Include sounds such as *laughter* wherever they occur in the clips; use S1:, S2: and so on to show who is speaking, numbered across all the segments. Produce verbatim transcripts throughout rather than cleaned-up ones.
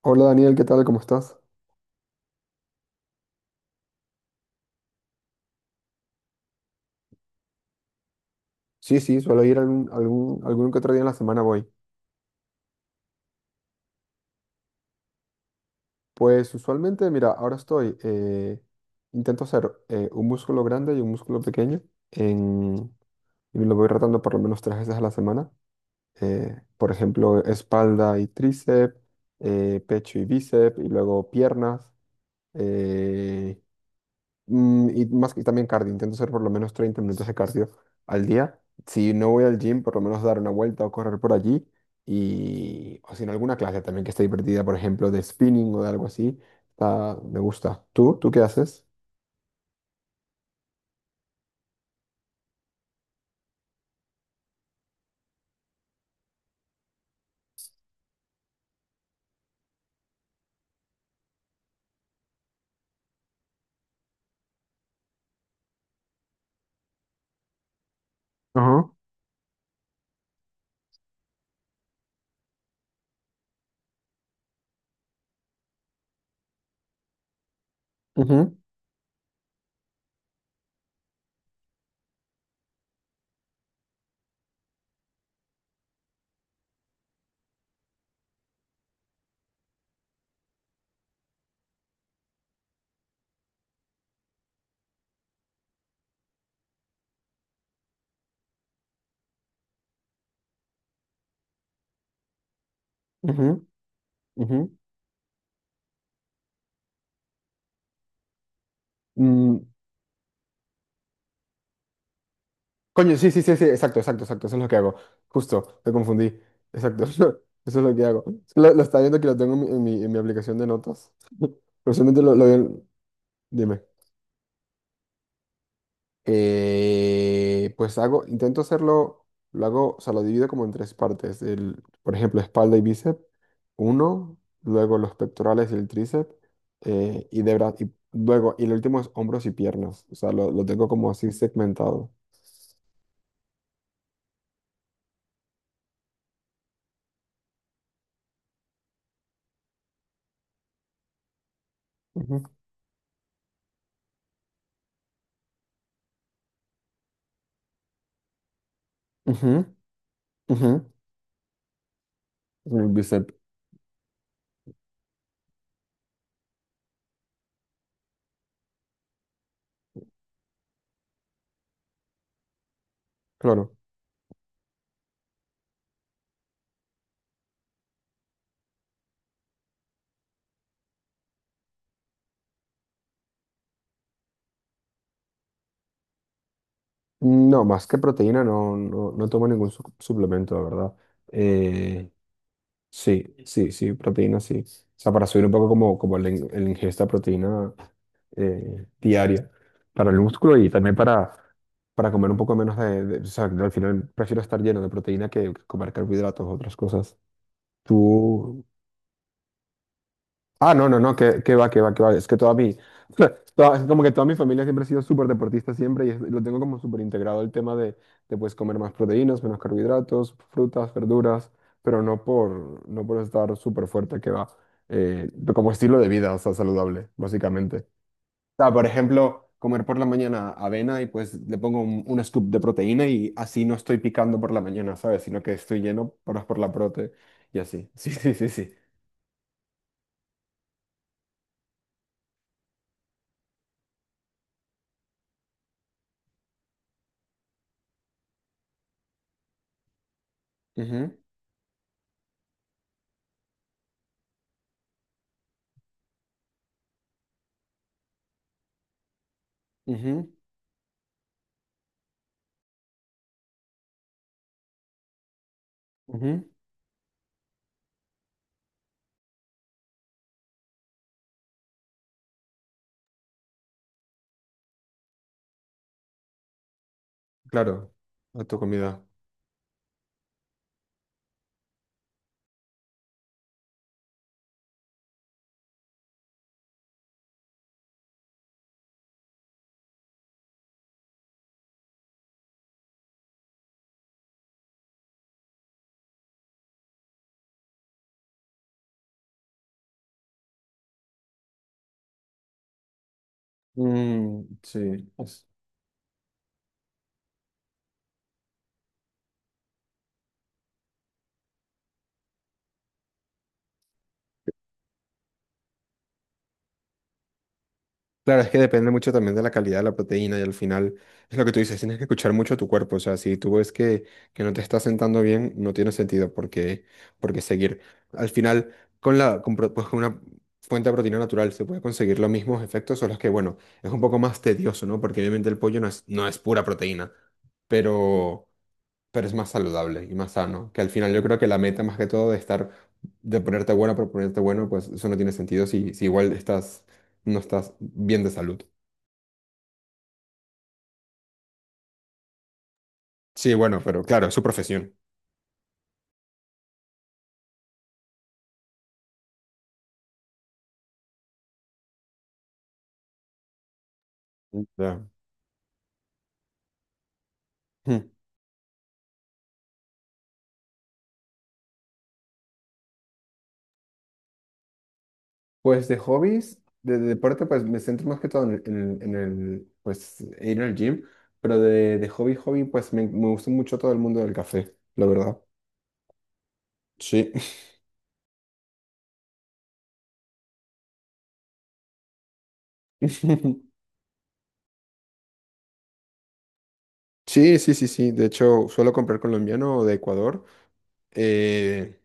S1: Hola Daniel, ¿qué tal? ¿Cómo estás? Sí, sí, suelo ir algún, algún, algún que otro día en la semana voy. Pues usualmente, mira, ahora estoy, eh, intento hacer eh, un músculo grande y un músculo pequeño en, y lo voy rotando por lo menos tres veces a la semana. Eh, por ejemplo, espalda y tríceps, eh, pecho y bíceps, y luego piernas, eh, Mm, y más que también cardio, intento hacer por lo menos treinta minutos de cardio al día. Si no voy al gym, por lo menos dar una vuelta o correr por allí. Y, o si en alguna clase también que esté divertida, por ejemplo, de spinning o de algo así, está- me gusta. ¿Tú? ¿Tú qué haces? Ajá. Ujú, ujú, ujú. Mm, coño, sí, sí, sí, sí, exacto, exacto, exacto, eso es lo que hago. Justo, me confundí. Exacto, *laughs* eso es lo que hago. Lo, lo estaba viendo que lo tengo en mi, en mi, en mi aplicación de notas. *laughs* Personalmente lo, lo vi en- Dime. Eh, pues hago, intento hacerlo, lo hago, o sea, lo divido como en tres partes. El, por ejemplo, espalda y bíceps, uno, luego los pectorales y el tríceps, eh, y de bra- y luego, y el último es hombros y piernas. O sea, lo, lo tengo como así segmentado. Ujú. Ujú, ujú. El bíceps, claro. No, más que proteína, no, no, no tomo ningún su- suplemento, la verdad. Eh, sí, sí, sí, proteína, sí. O sea, para subir un poco como, como la in- el ingesta de proteína, eh, diaria para el músculo y también para, para comer un poco menos de, de- o sea, al final prefiero estar lleno de proteína que comer carbohidratos o otras cosas. Tú... Ah, no, no, no, que, que va, que va, que va. Es que toda mi... *laughs* toda- es como que toda mi familia siempre ha sido súper deportista siempre y es- lo tengo como súper integrado el tema de, de pues comer más proteínas, menos carbohidratos, frutas, verduras, pero no por, no por estar súper fuerte, que va. Eh, como estilo de vida, o sea, saludable, básicamente sea, por ejemplo, comer por la mañana avena y pues le pongo un, un scoop de proteína y así no estoy picando por la mañana, ¿sabes? Sino que estoy lleno por, por la prote y así. Sí, sí, sí, sí. Ujú, ujú, ujú. Claro, a tu comida. Mm, sí. Claro, es que depende mucho también de la calidad de la proteína y al final es lo que tú dices, tienes que escuchar mucho a tu cuerpo, o sea, si tú ves que, que no te está sentando bien, no tiene sentido porque, porque seguir. Al final, con la, con, pro- pues, con una fuente de proteína natural se puede conseguir los mismos efectos, solo es que, bueno, es un poco más tedioso, ¿no? Porque obviamente el pollo no es, no es pura proteína, pero, pero es más saludable y más sano. Que al final yo creo que la meta más que todo de estar, de ponerte bueno por ponerte bueno, pues eso no tiene sentido si, si igual estás, no estás bien de salud. Sí, bueno, pero claro, es su profesión. Ya. Hmm. Pues de hobbies, de, de deporte, pues me centro más que todo en el, en el- en el, pues ir al gym, pero de, de hobby, hobby, pues me, me gusta mucho todo el mundo del café, la verdad. Sí. *laughs* Sí, sí, sí, sí. De hecho, suelo comprar colombiano o de Ecuador. Eh,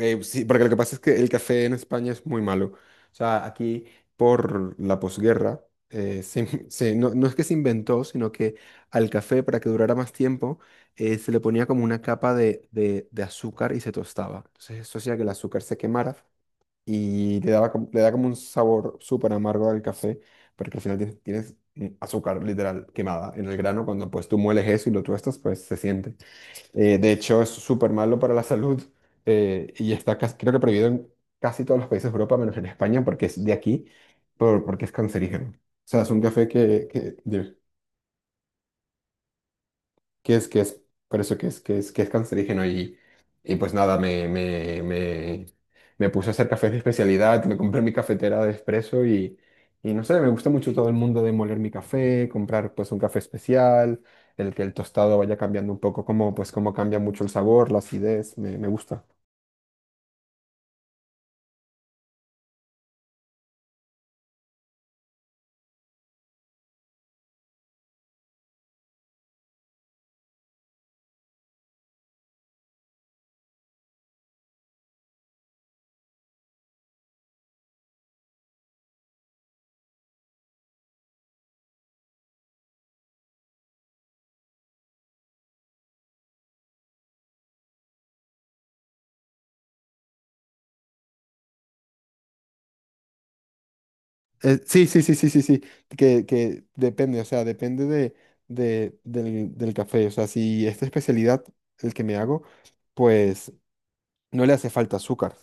S1: Eh, sí, porque lo que pasa es que el café en España es muy malo. O sea, aquí por la posguerra, eh, *laughs* se in- se- no, no es que se inventó, sino que al café, para que durara más tiempo, eh, se le ponía como una capa de, de- de azúcar y se tostaba. Entonces eso hacía que el azúcar se quemara y le daba, como- le da como un sabor súper amargo al café, porque al final tienes, tienes mm, azúcar literal quemada en el grano. Cuando pues tú mueles eso y lo tuestas, pues se siente. Eh, de hecho, es súper malo para la salud eh, y está casi- creo que prohibido en casi todos los países de Europa, menos en España, porque es de aquí, por, porque es cancerígeno. O sea, es un café que, que, de- que es, que es, por eso que es, que es, que es cancerígeno y, y pues nada, me, me, me, me puse a hacer cafés de especialidad, me compré mi cafetera de espresso y, y no sé, me gusta mucho todo el mundo de moler mi café, comprar pues un café especial, el que el tostado vaya cambiando un poco, como pues como cambia mucho el sabor, la acidez, me, me gusta. Eh, sí, sí, sí, sí, sí, sí, que, que depende, o sea, depende de, de- del, del café, o sea, si esta especialidad, el que me hago, pues no le hace falta azúcar,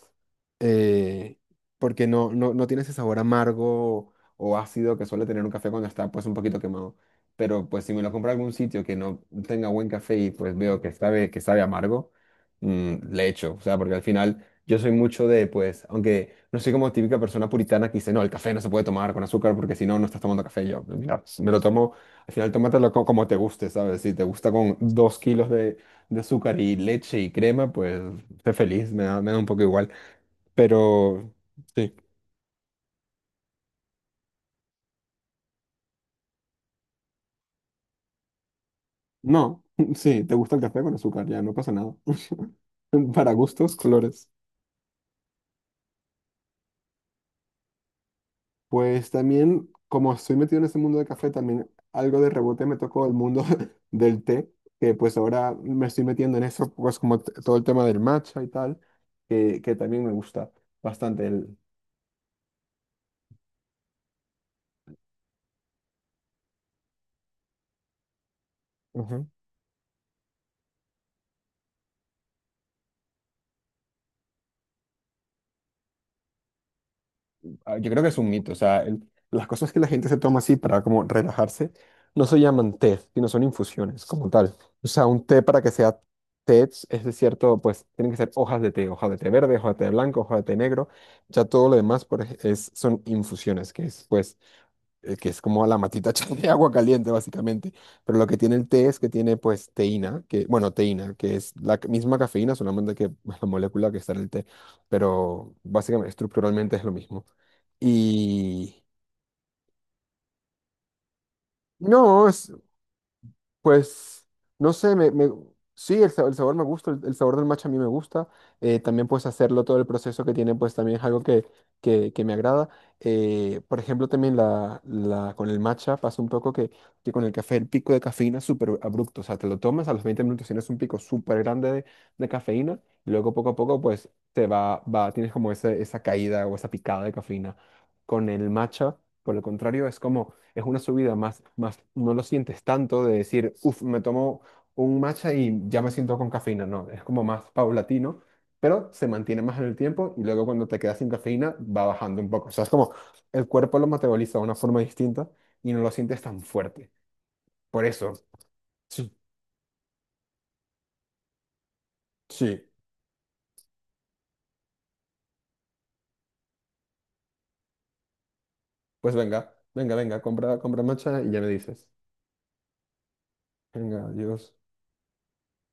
S1: eh, porque no, no, no tiene ese sabor amargo o ácido que suele tener un café cuando está pues un poquito quemado. Pero pues si me lo compro en algún sitio que no tenga buen café y pues veo que sabe, que sabe amargo, mm, le echo. O sea, porque al final yo soy mucho de pues, aunque no soy como típica persona puritana que dice, no, el café no se puede tomar con azúcar porque si no, no estás tomando café. Yo, mira, me lo tomo, al final tómatelo co- como te guste, ¿sabes? Si te gusta con dos kilos de de azúcar y leche y crema, pues sé feliz, me da, me da un poco igual. Pero sí. No, *laughs* sí, te gusta el café con azúcar, ya no pasa nada. *laughs* Para gustos, colores. Pues también, como estoy metido en este mundo del café, también algo de rebote me tocó el mundo *laughs* del té, que pues ahora me estoy metiendo en eso, pues como t- todo el tema del matcha y tal, que, que también me gusta bastante el... Ah, yo creo que es un mito, o sea, el- las cosas que la gente se toma así para como relajarse no se llaman té, sino son infusiones como tal. O sea, un té para que sea té es de cierto, pues tienen que ser hojas de té, hoja de té verde, hoja de té blanco, hoja de té negro, ya todo lo demás por ej- es, son infusiones, que es pues eh, que es como la matita *laughs* de agua caliente, básicamente. Pero lo que tiene el té es que tiene, pues, teína, que, bueno, teína, que es la c- misma cafeína, solamente que *laughs* la molécula que está en el té, pero básicamente, estructuralmente es lo mismo. Y no, es, pues, no sé, me, me- sí, el, sa- el sabor me gusta, el, el sabor del matcha a mí me gusta. Eh, también pues hacerlo, todo el proceso que tiene, pues también es algo que, que, que me agrada. Eh, por ejemplo, también la, la, con el matcha pasa un poco que, que con el café el pico de cafeína es súper abrupto. O sea, te lo tomas, a los veinte minutos tienes un pico súper grande de, de cafeína, y luego poco a poco pues te va, va, tienes como ese- esa caída o esa picada de cafeína. Con el matcha, por el contrario, es como es una subida más, más, no lo sientes tanto de decir, uff, me tomo un matcha y ya me siento con cafeína. No, es como más paulatino, pero se mantiene más en el tiempo y luego cuando te quedas sin cafeína va bajando un poco. O sea, es como el cuerpo lo metaboliza de una forma distinta y no lo sientes tan fuerte. Por eso, sí, sí, pues venga, venga, venga, compra, compra matcha y ya me dices. Venga, adiós.